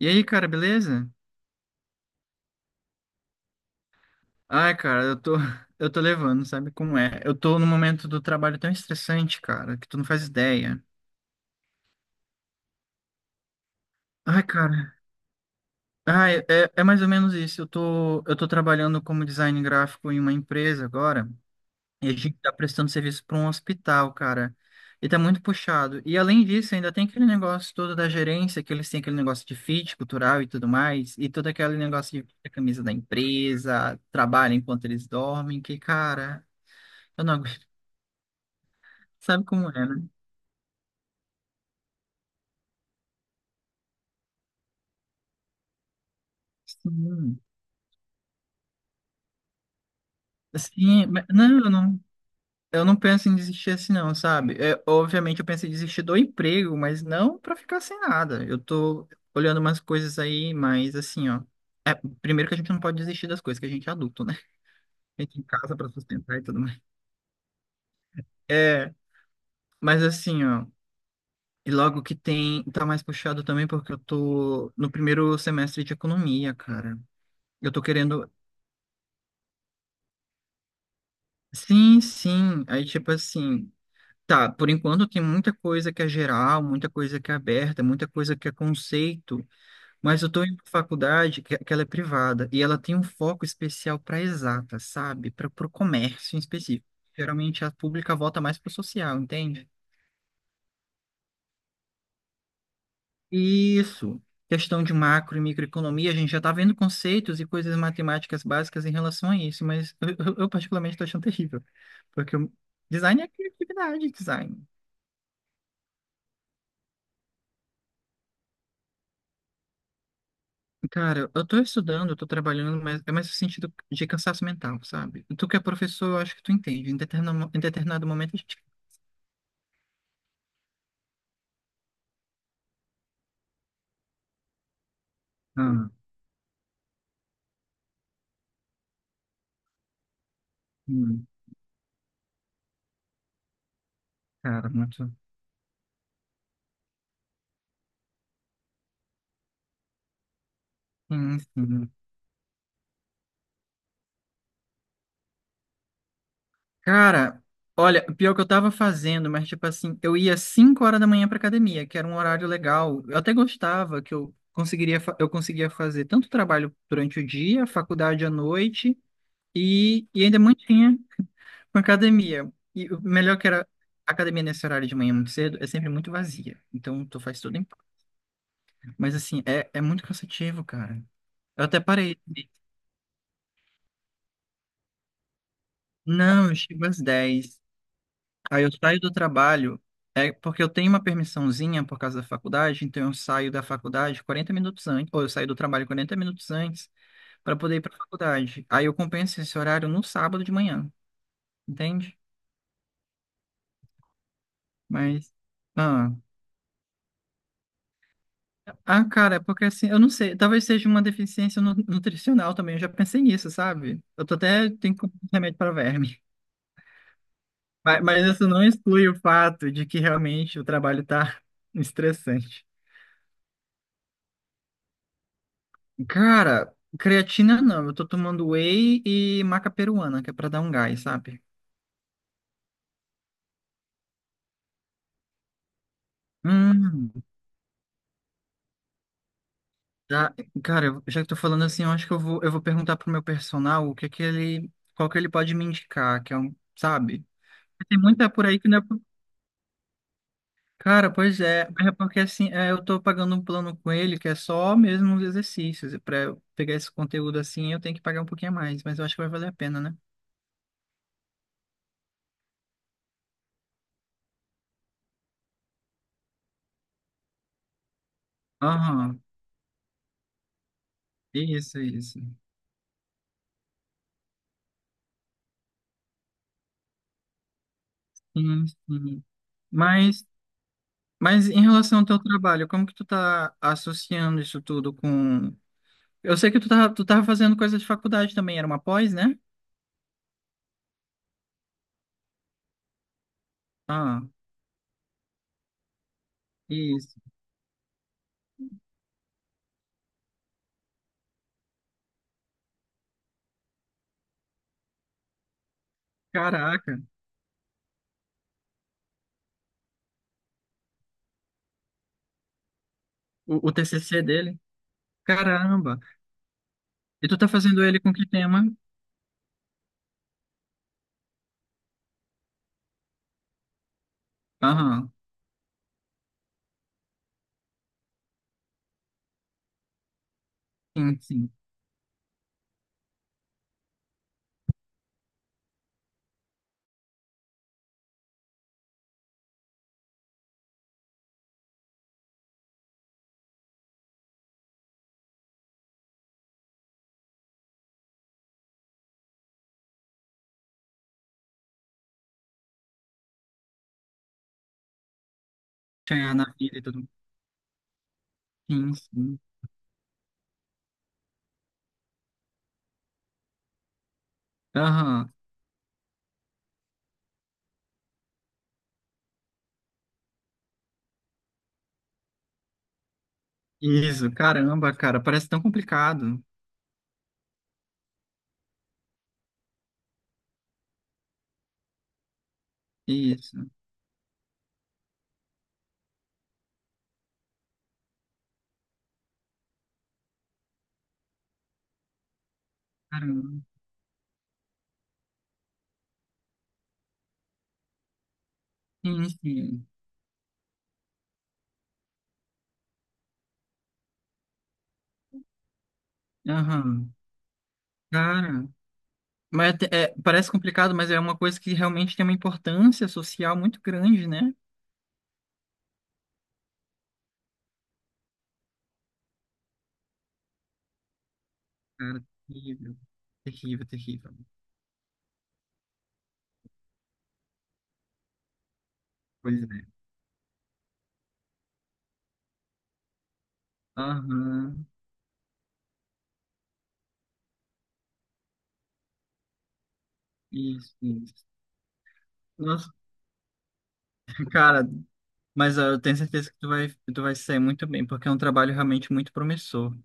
E aí, cara, beleza? Ai, cara, eu tô, eu tô levando, sabe como é? Eu tô num momento do trabalho tão estressante, cara, que tu não faz ideia. Ai, cara. Ai, é, é mais ou menos isso. Eu tô trabalhando como design gráfico em uma empresa agora, e a gente tá prestando serviço para um hospital, cara. E tá muito puxado. E além disso, ainda tem aquele negócio todo da gerência, que eles têm aquele negócio de fit cultural e tudo mais, e todo aquele negócio de vestir a camisa da empresa, trabalha enquanto eles dormem, que, cara. Eu não. Sabe como é, né? Sim, sim, mas- não, eu não penso em desistir assim, não, sabe? É, obviamente eu penso em desistir do emprego, mas não pra ficar sem nada. Eu tô olhando umas coisas aí, mas assim, ó. É, primeiro que a gente não pode desistir das coisas, que a gente é adulto, né? A gente tem casa pra sustentar e tudo mais. É, mas assim, ó. E logo que tem, tá mais puxado também, porque eu tô no primeiro semestre de economia, cara. Eu tô querendo. Sim, sim. Aí, tipo assim. Tá, por enquanto tem muita coisa que é geral, muita coisa que é aberta, muita coisa que é conceito, mas eu estou em uma faculdade que ela é privada e ela tem um foco especial para exata, sabe? Para o comércio em específico. Geralmente a pública volta mais para o social, entende? Isso. Questão de macro e microeconomia, a gente já está vendo conceitos e coisas matemáticas básicas em relação a isso, mas eu particularmente estou achando terrível, porque o design é criatividade, design. Cara, eu tô estudando, eu tô trabalhando, mas é mais no sentido de cansaço mental, sabe? Tu que é professor, eu acho que tu entende. Em determinado momento a gente. Ah, hum, cara, muito. Sim, sim. Cara, olha, pior que eu tava fazendo, mas tipo assim, eu ia 5 horas da manhã pra academia, que era um horário legal. Eu até gostava que eu conseguiria, eu conseguia fazer tanto trabalho durante o dia, faculdade à noite, e, ainda mantinha. Com academia. E o melhor que era. A academia nesse horário de manhã muito cedo é sempre muito vazia. Então tu faz tudo em paz. Mas assim, é, é muito cansativo, cara. Eu até parei. Não, eu chego às dez. Aí eu saio do trabalho. É porque eu tenho uma permissãozinha por causa da faculdade, então eu saio da faculdade 40 minutos antes, ou eu saio do trabalho 40 minutos antes para poder ir para a faculdade. Aí eu compenso esse horário no sábado de manhã, entende? Mas, ah. Ah, cara, é porque assim, eu não sei, talvez seja uma deficiência nutricional também, eu já pensei nisso, sabe? Eu tô até tenho que comprar um remédio para verme. Mas isso não exclui o fato de que realmente o trabalho tá estressante. Cara, creatina não, eu tô tomando whey e maca peruana, que é pra dar um gás, sabe? Hum, tá. Cara, já que tô falando assim, eu acho que eu vou perguntar pro meu personal o que que ele, qual que ele pode me indicar, que é um, sabe? Tem muita por aí que não é. Cara, pois é, mas é porque assim, é, eu tô pagando um plano com ele que é só mesmo os exercícios. Para eu pegar esse conteúdo assim, eu tenho que pagar um pouquinho a mais, mas eu acho que vai valer a pena, né? Aham, isso, isso. Sim, sim. Mas, mas em relação ao teu trabalho, como que tu tá associando isso tudo com... Eu sei que tu tava fazendo coisa de faculdade também, era uma pós, né? Ah, isso. Caraca, o TCC dele? Caramba. E tu tá fazendo ele com que tema? Aham, sim, sim. Ganhar na vida e tudo. Mais. Sim, sim. Aham. Isso, caramba, cara, parece tão complicado. Isso, caramba. Sim, sim. Aham. Cara, mas é- é- parece complicado, mas é uma coisa que realmente tem uma importância social muito grande, né? Cara, terrível. Terrível, terrível. Pois é. Aham. Isso, isso. Nossa, cara. Mas ah, eu tenho certeza que tu vai se sair muito bem, porque é um trabalho realmente muito promissor.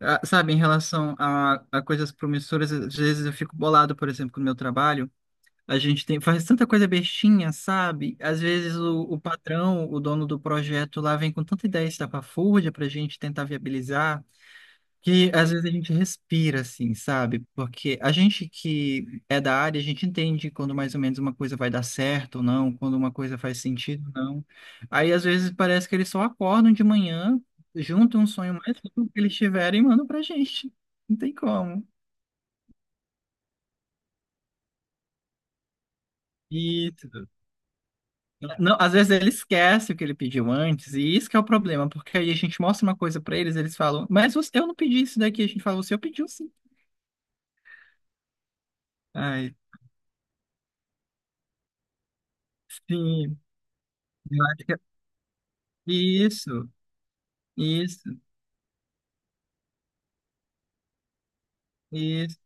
Ah, sabe, em relação a coisas promissoras, às vezes eu fico bolado, por exemplo, com o meu trabalho. A gente tem, faz tanta coisa bestinha, sabe? Às vezes o patrão, o dono do projeto lá, vem com tanta ideia estapafúrdia para a gente tentar viabilizar que às vezes a gente respira assim, sabe? Porque a gente que é da área, a gente entende quando mais ou menos uma coisa vai dar certo ou não, quando uma coisa faz sentido ou não. Aí às vezes parece que eles só acordam de manhã, juntam um sonho mais louco que eles tiverem e mandam pra gente. Não tem como. Isso. Não, às vezes ele esquece o que ele pediu antes, e isso que é o problema, porque aí a gente mostra uma coisa pra eles, eles falam, mas você- eu não pedi isso daqui, a gente fala, você pediu sim. Ai, sim, eu acho que é isso. Isso, isso.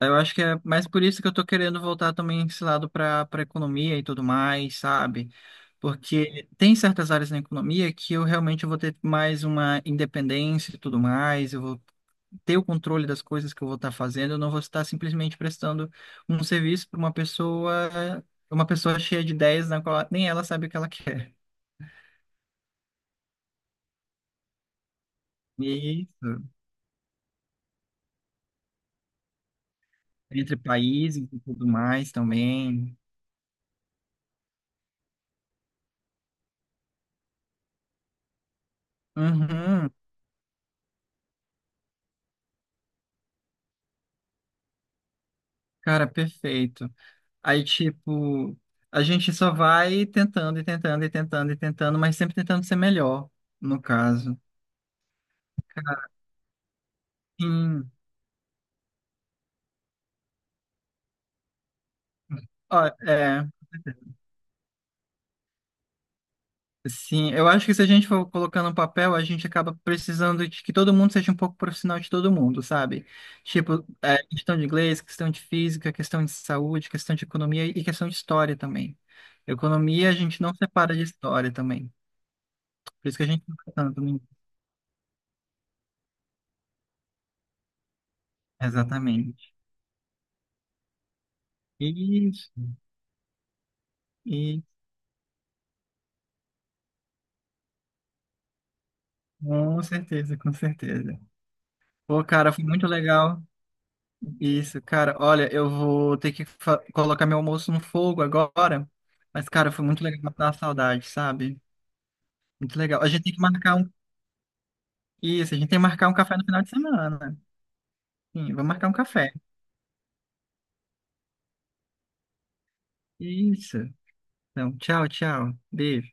Eu acho que é mais por isso que eu tô querendo voltar também esse lado para economia e tudo mais, sabe? Porque tem certas áreas na economia que eu realmente vou ter mais uma independência e tudo mais, eu vou ter o controle das coisas que eu vou estar fazendo, eu não vou estar simplesmente prestando um serviço para uma pessoa cheia de ideias na qual nem ela sabe o que ela quer. Isso. Entre países e tudo mais também. Uhum. Cara, perfeito. Aí, tipo, a gente só vai tentando, mas sempre tentando ser melhor, no caso. Sim, ó, é, sim, eu acho que se a gente for colocando um papel, a gente acaba precisando de que todo mundo seja um pouco profissional de todo mundo, sabe? Tipo, é, questão de inglês, questão de física, questão de saúde, questão de economia e questão de história também. Economia a gente não separa de história também. Por isso que a gente não tá tanto. No-. Exatamente. Isso. Com certeza, com certeza. Pô, cara, foi muito legal isso, cara. Olha, eu vou ter que colocar meu almoço no fogo agora, mas, cara, foi muito legal matar a saudade, sabe? Muito legal. A gente tem que marcar um. Isso, a gente tem que marcar um café no final de semana. Sim, vamos marcar um café. Isso. Então, tchau, tchau. Beijo.